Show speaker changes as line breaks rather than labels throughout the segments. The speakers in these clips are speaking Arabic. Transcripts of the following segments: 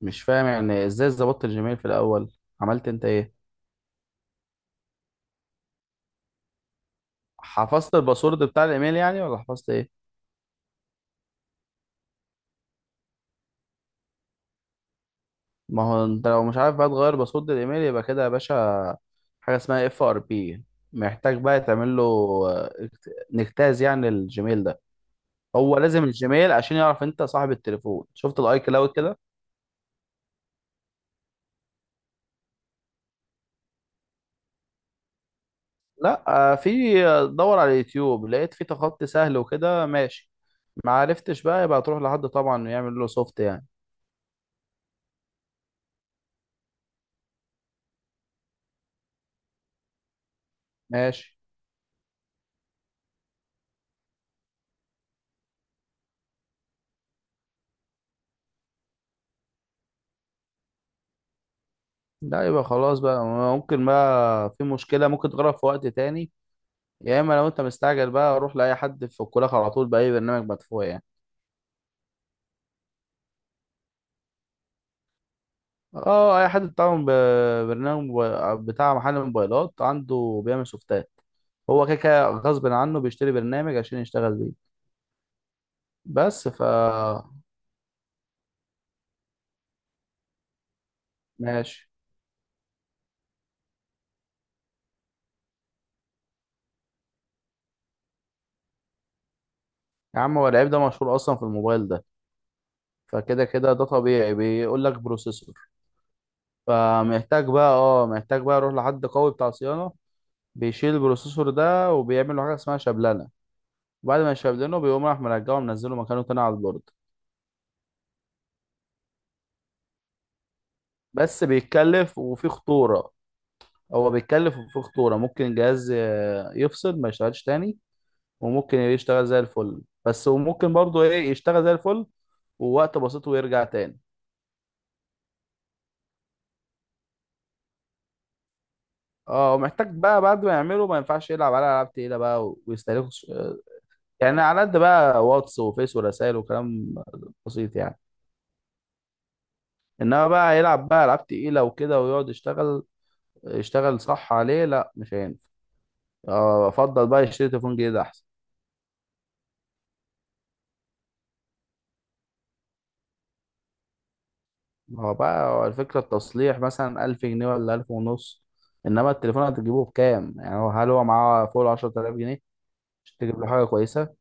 مش فاهم، يعني ازاي ظبطت الجيميل في الاول؟ عملت انت ايه؟ حفظت الباسورد بتاع الايميل يعني، ولا حفظت ايه؟ ما هو انت لو مش عارف بقى تغير باسورد الايميل يبقى كده يا باشا. حاجه اسمها اف ار بي. محتاج بقى تعمل له نجتاز يعني الجيميل ده. هو لازم الجيميل عشان يعرف انت صاحب التليفون. شفت الاي كلاود كده؟ لا. في دور على اليوتيوب لقيت في تخطي سهل وكده ماشي. ما عرفتش بقى، يبقى تروح لحد طبعا يعمل له سوفت يعني. ماشي. لا، يبقى خلاص بقى. ممكن بقى في مشكلة، ممكن تغرق في وقت تاني. يا اما لو انت مستعجل بقى روح لأي حد في الكلاك على طول، بأي برنامج مدفوع يعني. اه، اي حد بتاع برنامج بتاع محل موبايلات عنده بيعمل سوفتات. هو كده كده غصب عنه بيشتري برنامج عشان يشتغل بيه. بس ماشي. يا عم هو العيب ده مشهور اصلا في الموبايل ده. فكده كده ده طبيعي، بيقول لك بروسيسور. فمحتاج بقى اه محتاج بقى اروح لحد قوي بتاع صيانة. بيشيل البروسيسور ده وبيعمل له حاجه اسمها شبلنه. وبعد ما يشبلنه بيقوم راح مرجعه منزله مكانه تاني على البورد. بس بيتكلف وفي خطوره. هو بيتكلف وفي خطوره، ممكن الجهاز يفصل ما يشتغلش تاني. وممكن يشتغل زي الفل بس، وممكن برضه ايه يشتغل زي الفل ووقت بسيط ويرجع تاني. اه ومحتاج بقى بعد ما يعمله ما ينفعش يلعب على العاب تقيله بقى ويستهلكوا يعني على قد بقى واتس وفيس ورسائل وكلام بسيط يعني. انما بقى يلعب بقى العاب تقيله وكده ويقعد يشتغل. يشتغل صح عليه؟ لا مش هينفع. افضل بقى يشتري تليفون جديد احسن. ما هو بقى هو الفكره، التصليح مثلا 1000 جنيه ولا 1000 ونص. انما التليفون هتجيبه بكام؟ يعني هو هل هو معاه فوق ال 10000 جنيه؟ عشان تجيب له حاجه كويسه.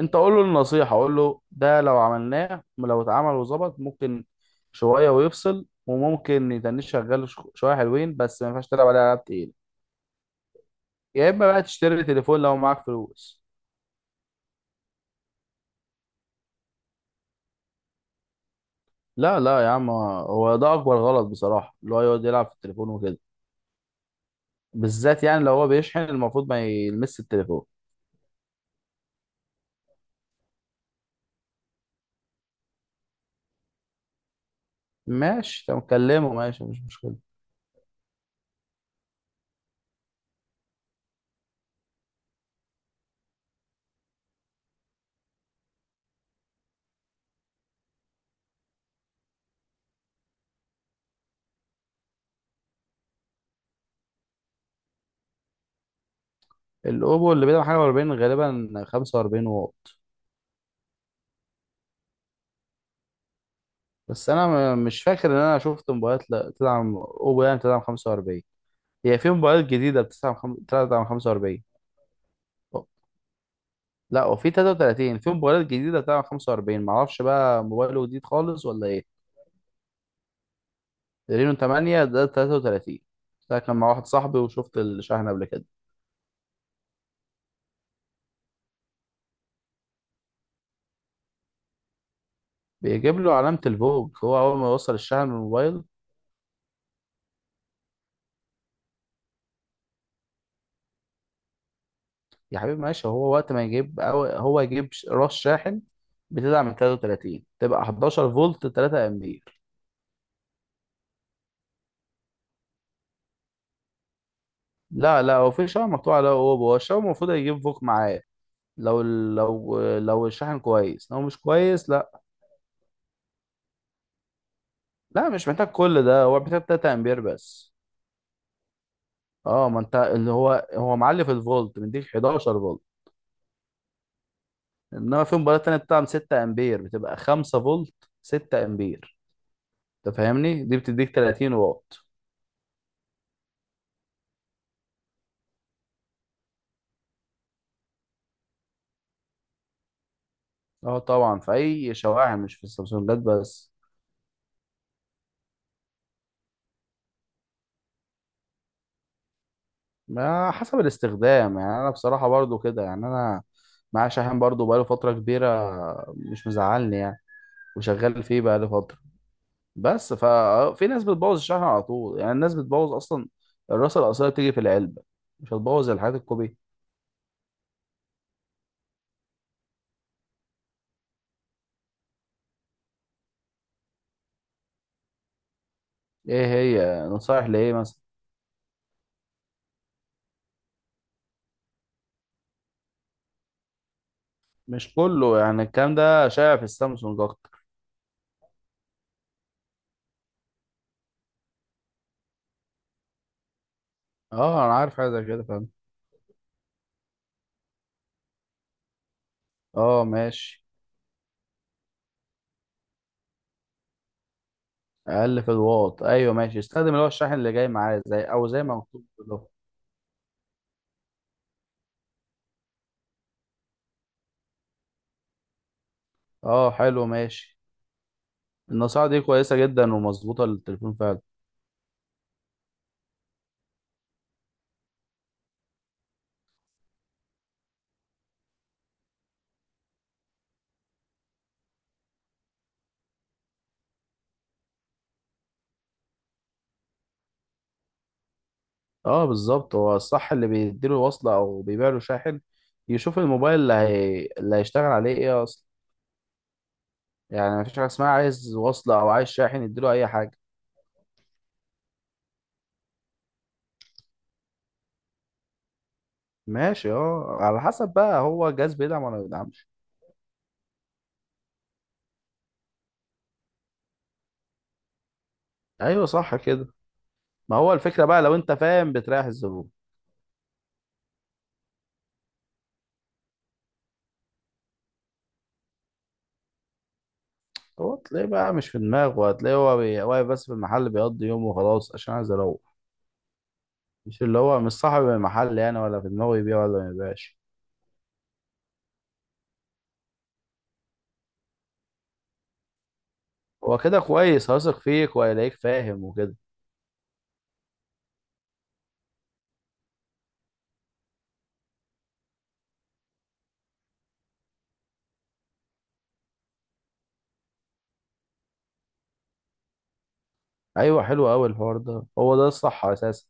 انت قول له النصيحه، قول له ده لو اتعمل وظبط ممكن شويه ويفصل. وممكن يتنش شغال شويه حلوين، بس ما ينفعش تلعب عليه العاب تقيله. يا اما بقى تشتري تليفون لو معاك فلوس. لا، لا، يا عم هو ده اكبر غلط بصراحه، اللي هو يقعد يلعب في التليفون وكده. بالذات يعني لو هو بيشحن المفروض ما يلمس التليفون. ماشي، طب كلمه ماشي، مش مشكله. الاوبو اللي بيدعم حاجه 40 غالبا 45 واط. بس انا مش فاكر ان انا شفت موبايلات لا تدعم اوبو يعني، بتدعم 45. هي في موبايلات جديده بتدعم بتدعم 45. لا، وفي 33 في موبايلات جديده بتدعم 45، معرفش بقى موبايله جديد خالص ولا ايه. رينو 8 ده 33. ده كان مع واحد صاحبي وشفت الشحن قبل كده. بيجيب له علامة الفوج هو أول ما يوصل الشحن من الموبايل. يا حبيبي ماشي، هو وقت ما يجيب أو هو يجيب راس شاحن بتدعم 33 تبقى 11 فولت 3 امبير. لا، لا، هو في شاحن مقطوع له. هو الشاحن المفروض يجيب فوق معاه. لو الشاحن كويس. لو مش كويس لا. لا مش محتاج كل ده، هو محتاج 3 امبير بس. اه ما انت اللي هو معلي في الفولت، مديك 11 فولت. انما في مباراه تانية بتدعم 6 امبير، بتبقى 5 فولت. 6 امبير انت فاهمني دي بتديك 30 واط. اه طبعا، في اي شواحن، مش في السبسونجات بس. ما حسب الاستخدام يعني، انا بصراحه برضو كده يعني. انا معايا شاحن برضو بقاله فتره كبيره، مش مزعلني يعني، وشغال فيه بقاله فتره. بس ففي ناس بتبوظ الشاحن على طول، يعني الناس بتبوظ اصلا. الراسه الاصليه بتيجي في العلبه، مش هتبوظ الحاجات الكوبيه. ايه هي نصايح لايه مثلا؟ مش كله يعني، الكلام ده شائع في السامسونج اكتر. اه انا عارف حاجه زي كده، فاهم. اه ماشي. اقل في الواط، ايوه ماشي، استخدم اللي هو الشاحن اللي جاي معاه، زي ما مكتوب كده. اه حلو ماشي. النصيحه دي كويسه جدا ومظبوطه للتليفون فعلا. اه بالظبط، هو الصح اللي بيديله وصله او بيبيع له شاحن يشوف الموبايل اللي هيشتغل عليه ايه اصلا. يعني مفيش حاجه اسمها عايز وصله او عايز شاحن يديله اي حاجه. ماشي، اه على حسب بقى، هو الجهاز بيدعم ولا ما بيدعمش. ايوه صح كده. ما هو الفكره بقى، لو انت فاهم بتريح الزبون. هو تلاقيه بقى مش في دماغه. هتلاقيه هو واقف بس في المحل بيقضي يومه وخلاص، عشان عايز اروح. مش اللي هو مش صاحب المحل يعني، ولا في دماغه يبيع ولا ما يبيعش. هو كده كويس، هيثق فيك وهيلاقيك فاهم وكده. ايوه، حلو قوي الحوار ده، هو ده الصح اساسا.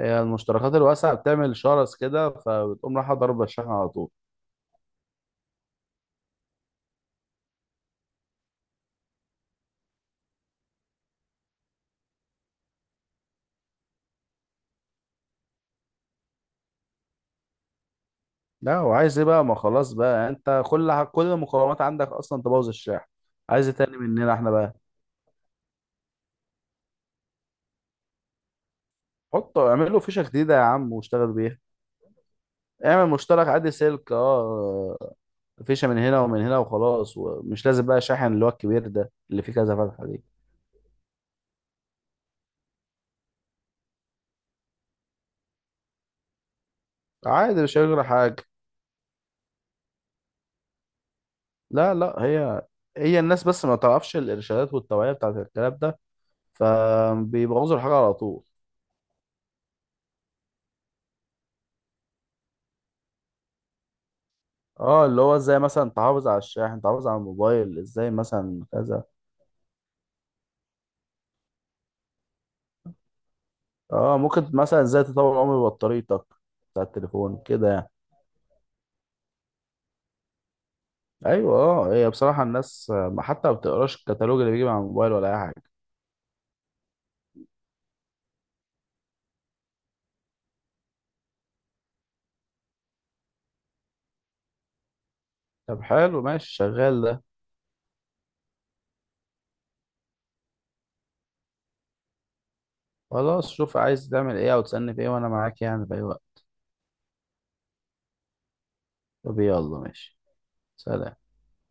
هي المشتركات الواسعه بتعمل شرس كده، فبتقوم رايحه ضربه الشحن على طول. لا وعايز ايه بقى، ما خلاص بقى، انت كل المقومات عندك اصلا تبوظ الشحن. عايز إيه تاني مننا احنا بقى؟ حطه اعمل له فيشه جديده يا عم واشتغل بيها. اعمل مشترك عادي سلك اه، فيشه من هنا ومن هنا وخلاص، ومش لازم بقى شاحن اللي هو الكبير ده اللي فيه كذا فتحه دي. عادي مش هيجرى حاجه. لا، لا، هي الناس بس ما تعرفش الارشادات والتوعيه بتاعت الكلام ده، فبيبوظوا الحاجه على طول. اه اللي هو ازاي مثلا تحافظ على الشاحن، تحافظ على الموبايل ازاي، مثلا كذا. اه ممكن مثلا ازاي تطور عمر بطاريتك بتاع التليفون كده يعني. ايوه اه، هي بصراحه الناس ما بتقراش الكتالوج اللي بيجي مع الموبايل ولا اي حاجه. طب حلو ماشي شغال. خلاص شوف عايز تعمل ايه او تسألني في ايه وانا معاك يعني في اي وقت. طب يلا ماشي. سلام.